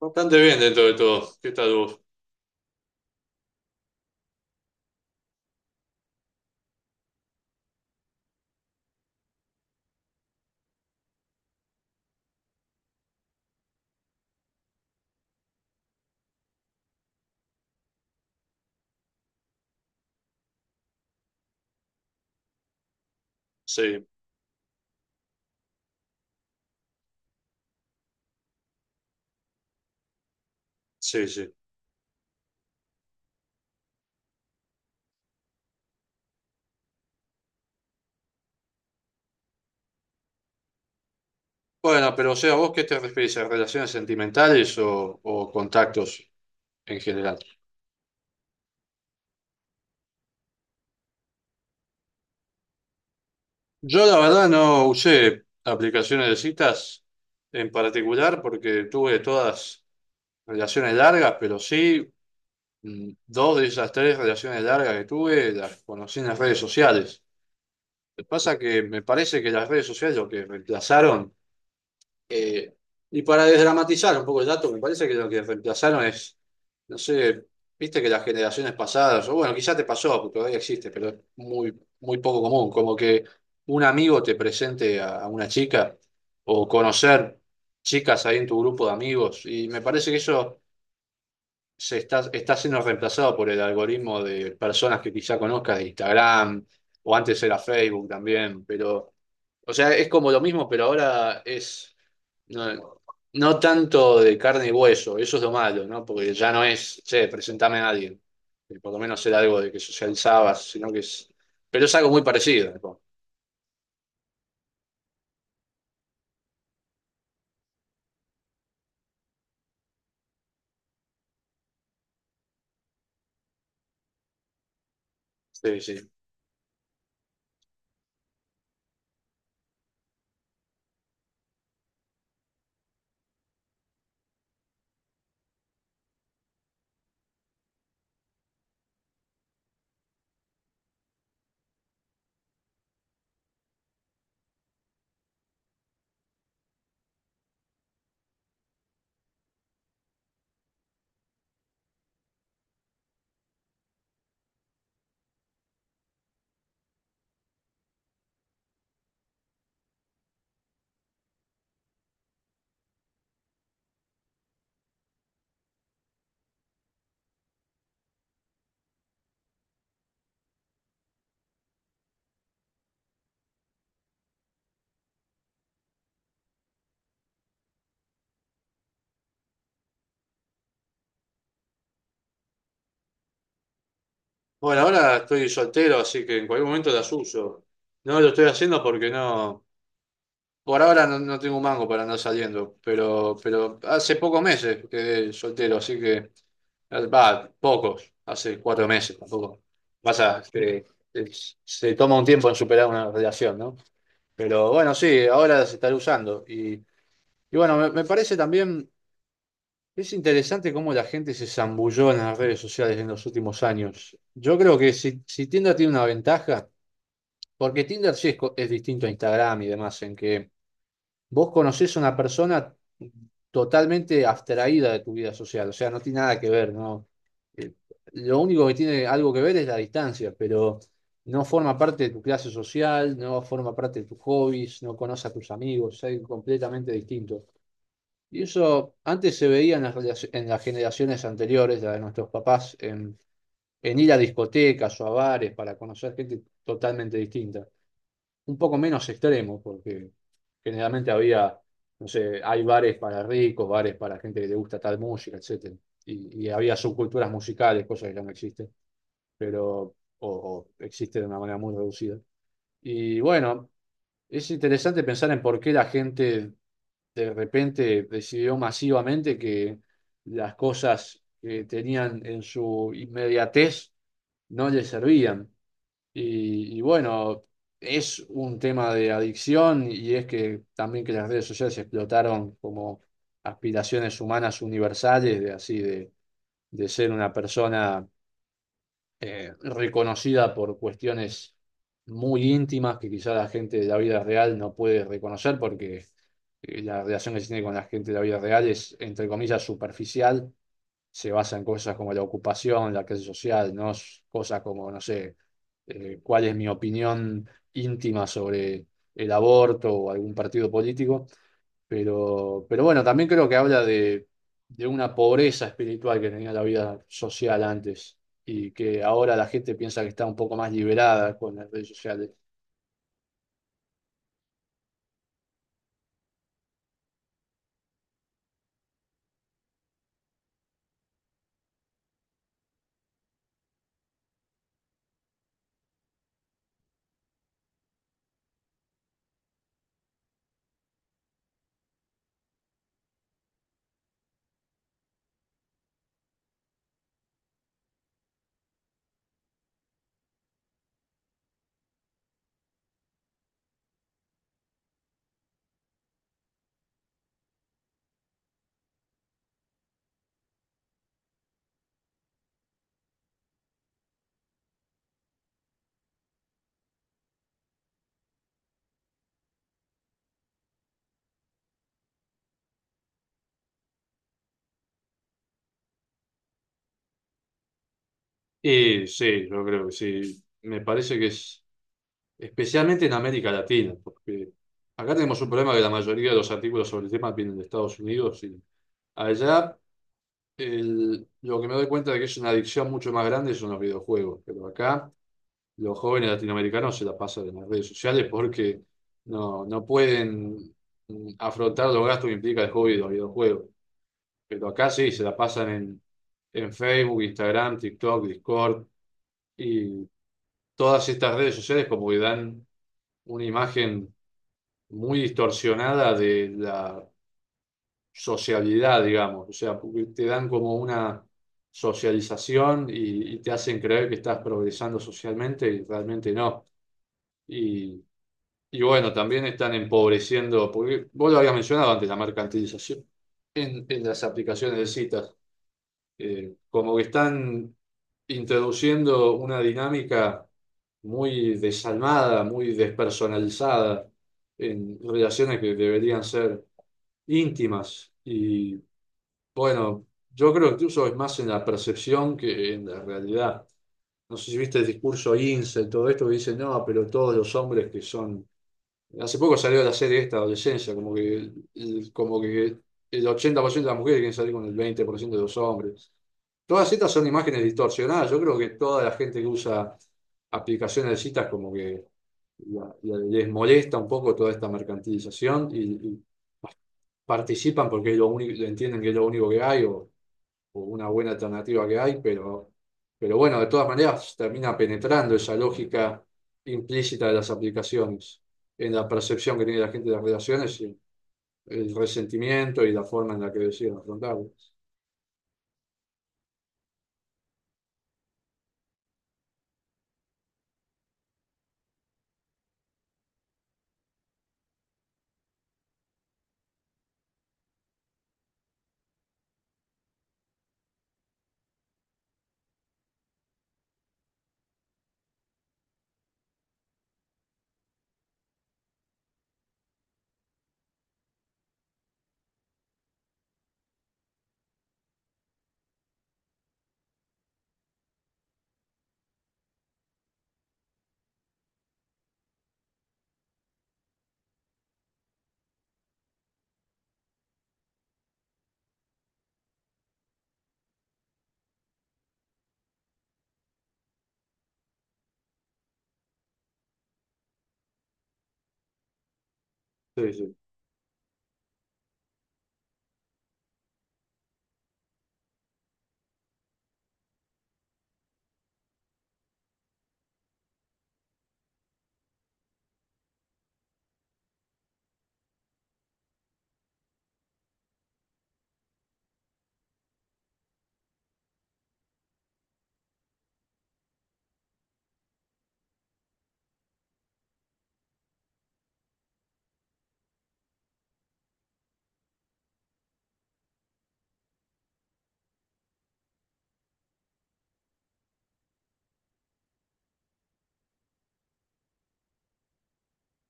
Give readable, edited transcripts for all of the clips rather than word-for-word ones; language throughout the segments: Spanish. Bastante bien dentro de todo. ¿Qué tal vos? Sí, sí, sí. Bueno, pero o sea, ¿vos qué te referís a relaciones sentimentales o contactos en general? Yo la verdad no usé aplicaciones de citas en particular porque tuve todas relaciones largas, pero sí, dos de esas tres relaciones largas que tuve las conocí en las redes sociales. Lo que pasa es que me parece que las redes sociales lo que reemplazaron. Eh, y para desdramatizar un poco el dato, me parece que lo que reemplazaron es, no sé, viste que las generaciones pasadas, o bueno, quizás te pasó, porque todavía existe, pero es muy, muy poco común, como que un amigo te presente a una chica o conocer chicas ahí en tu grupo de amigos. Y me parece que eso está siendo reemplazado por el algoritmo de personas que quizá conozcas de Instagram o antes era Facebook también, pero, o sea, es como lo mismo, pero ahora es no, no tanto de carne y hueso, eso es lo malo, ¿no? Porque ya no es, che, presentame a alguien. Que Por lo menos era algo de que socializabas, sino que es. Pero es algo muy parecido, ¿no? Sí, sí. Bueno, ahora estoy soltero, así que en cualquier momento las uso. No lo estoy haciendo porque no. Por ahora no tengo un mango para andar saliendo, pero hace pocos meses quedé soltero, así que. Va, pocos, hace 4 meses tampoco. Pasa que se se toma un tiempo en superar una relación, ¿no? Pero bueno, sí, ahora se estará usando. Y bueno, me parece también, es interesante cómo la gente se zambulló en las redes sociales en los últimos años. Yo creo que si Tinder tiene una ventaja, porque Tinder sí es, es distinto a Instagram y demás, en que vos conocés a una persona totalmente abstraída de tu vida social, o sea, no tiene nada que ver, ¿no? Eh, Lo único que tiene algo que ver es la distancia, pero no forma parte de tu clase social, no forma parte de tus hobbies, no conoce a tus amigos, es algo completamente distinto. Y eso antes se veía en en las generaciones anteriores, la de nuestros papás, en ir a discotecas o a bares para conocer gente totalmente distinta, un poco menos extremo, porque generalmente había, no sé, hay bares para ricos, bares para gente que le gusta tal música, etcétera. Y había subculturas musicales, cosas que ya no existen, pero, o existen de una manera muy reducida. Y bueno, es interesante pensar en por qué la gente de repente decidió masivamente que las cosas que tenían en su inmediatez no les servían. Y bueno, es un tema de adicción y es que también que las redes sociales explotaron como aspiraciones humanas universales, de así, de ser una persona reconocida por cuestiones muy íntimas que quizá la gente de la vida real no puede reconocer porque la relación que se tiene con la gente de la vida real es, entre comillas, superficial, se basa en cosas como la ocupación, la clase social, cosas como, no sé, cuál es mi opinión íntima sobre el aborto o algún partido político. Pero bueno, también creo que habla de una pobreza espiritual que tenía la vida social antes y que ahora la gente piensa que está un poco más liberada con las redes sociales. Y sí, yo creo que sí. Me parece que es, especialmente en América Latina, porque acá tenemos un problema que la mayoría de los artículos sobre el tema vienen de Estados Unidos y allá lo que me doy cuenta de que es una adicción mucho más grande son los videojuegos, pero acá los jóvenes latinoamericanos se la pasan en las redes sociales porque no pueden afrontar los gastos que implica el hobby de los videojuegos, pero acá sí se la pasan en Facebook, Instagram, TikTok, Discord y todas estas redes sociales como que dan una imagen muy distorsionada de la sociabilidad, digamos. O sea, porque te dan como una socialización y te hacen creer que estás progresando socialmente y realmente no. Y, y bueno, también están empobreciendo, porque vos lo habías mencionado antes, la mercantilización en las aplicaciones de citas como que están introduciendo una dinámica muy desalmada, muy despersonalizada en relaciones que deberían ser íntimas. Y bueno, yo creo que incluso es más en la percepción que en la realidad. No sé si viste el discurso incel, todo esto que dicen, no, pero todos los hombres que son. Hace poco salió la serie esta, Adolescencia, como que el 80% de las mujeres quieren salir con el 20% de los hombres. Todas estas son imágenes distorsionadas. Yo creo que toda la gente que usa aplicaciones de citas como que les molesta un poco toda esta mercantilización y participan porque es lo único, entienden que es lo único que hay o una buena alternativa que hay, pero bueno, de todas maneras termina penetrando esa lógica implícita de las aplicaciones en la percepción que tiene la gente de las relaciones y el resentimiento y la forma en la que deciden afrontarlas. Sí, sí.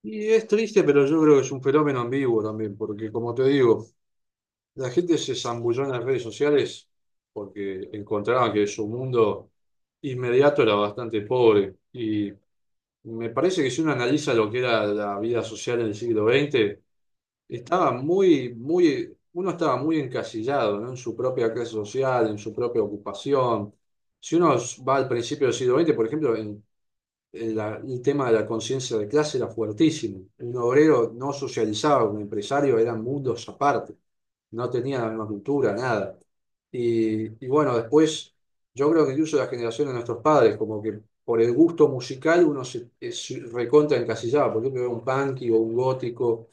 Y es triste, pero yo creo que es un fenómeno ambiguo también, porque como te digo, la gente se zambulló en las redes sociales porque encontraban que su mundo inmediato era bastante pobre. Y me parece que si uno analiza lo que era la vida social en el siglo XX, estaba muy, muy, uno estaba muy encasillado, ¿no? En su propia clase social, en su propia ocupación. Si uno va al principio del siglo XX, por ejemplo, en el, el tema de la conciencia de clase era fuertísimo. Un obrero no socializaba, un empresario eran mundos aparte, no tenía la misma cultura, nada. Y bueno, después yo creo que incluso la generación de nuestros padres, como que por el gusto musical uno se recontra encasillaba, por ejemplo, un punky o un gótico.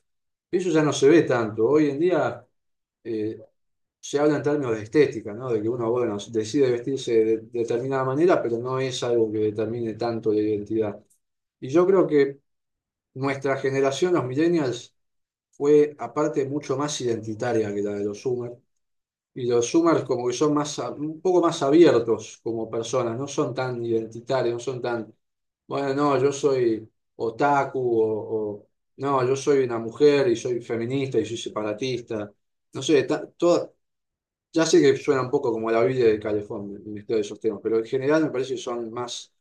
Eso ya no se ve tanto. Hoy en día eh, se habla en términos de estética, ¿no? De que uno, bueno, decide vestirse de determinada manera, pero no es algo que determine tanto la identidad. Y yo creo que nuestra generación, los millennials, fue aparte mucho más identitaria que la de los Zoomers. Y los Zoomers como que son más, un poco más abiertos como personas, no son tan identitarios, no son tan, bueno, no, yo soy otaku o, no, yo soy una mujer y soy feminista y soy separatista. No sé, ya sé que suena un poco como la Biblia de Calefón, el Ministerio de esos temas, pero en general me parece que son más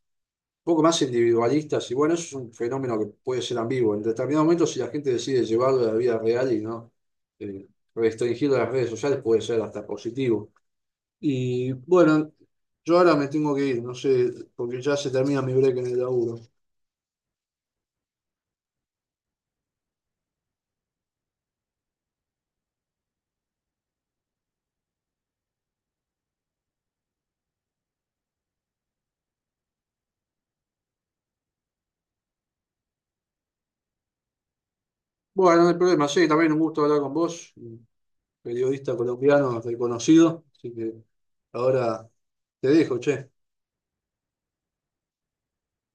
poco más individualistas, y bueno, eso es un fenómeno que puede ser ambiguo. En determinado momento, si la gente decide llevarlo a la vida real y no eh, restringirlo a las redes sociales, puede ser hasta positivo. Y bueno, yo ahora me tengo que ir, no sé, porque ya se termina mi break en el laburo. Bueno, no hay problema, sí, también un gusto hablar con vos, un periodista colombiano reconocido, así que ahora te dejo, che.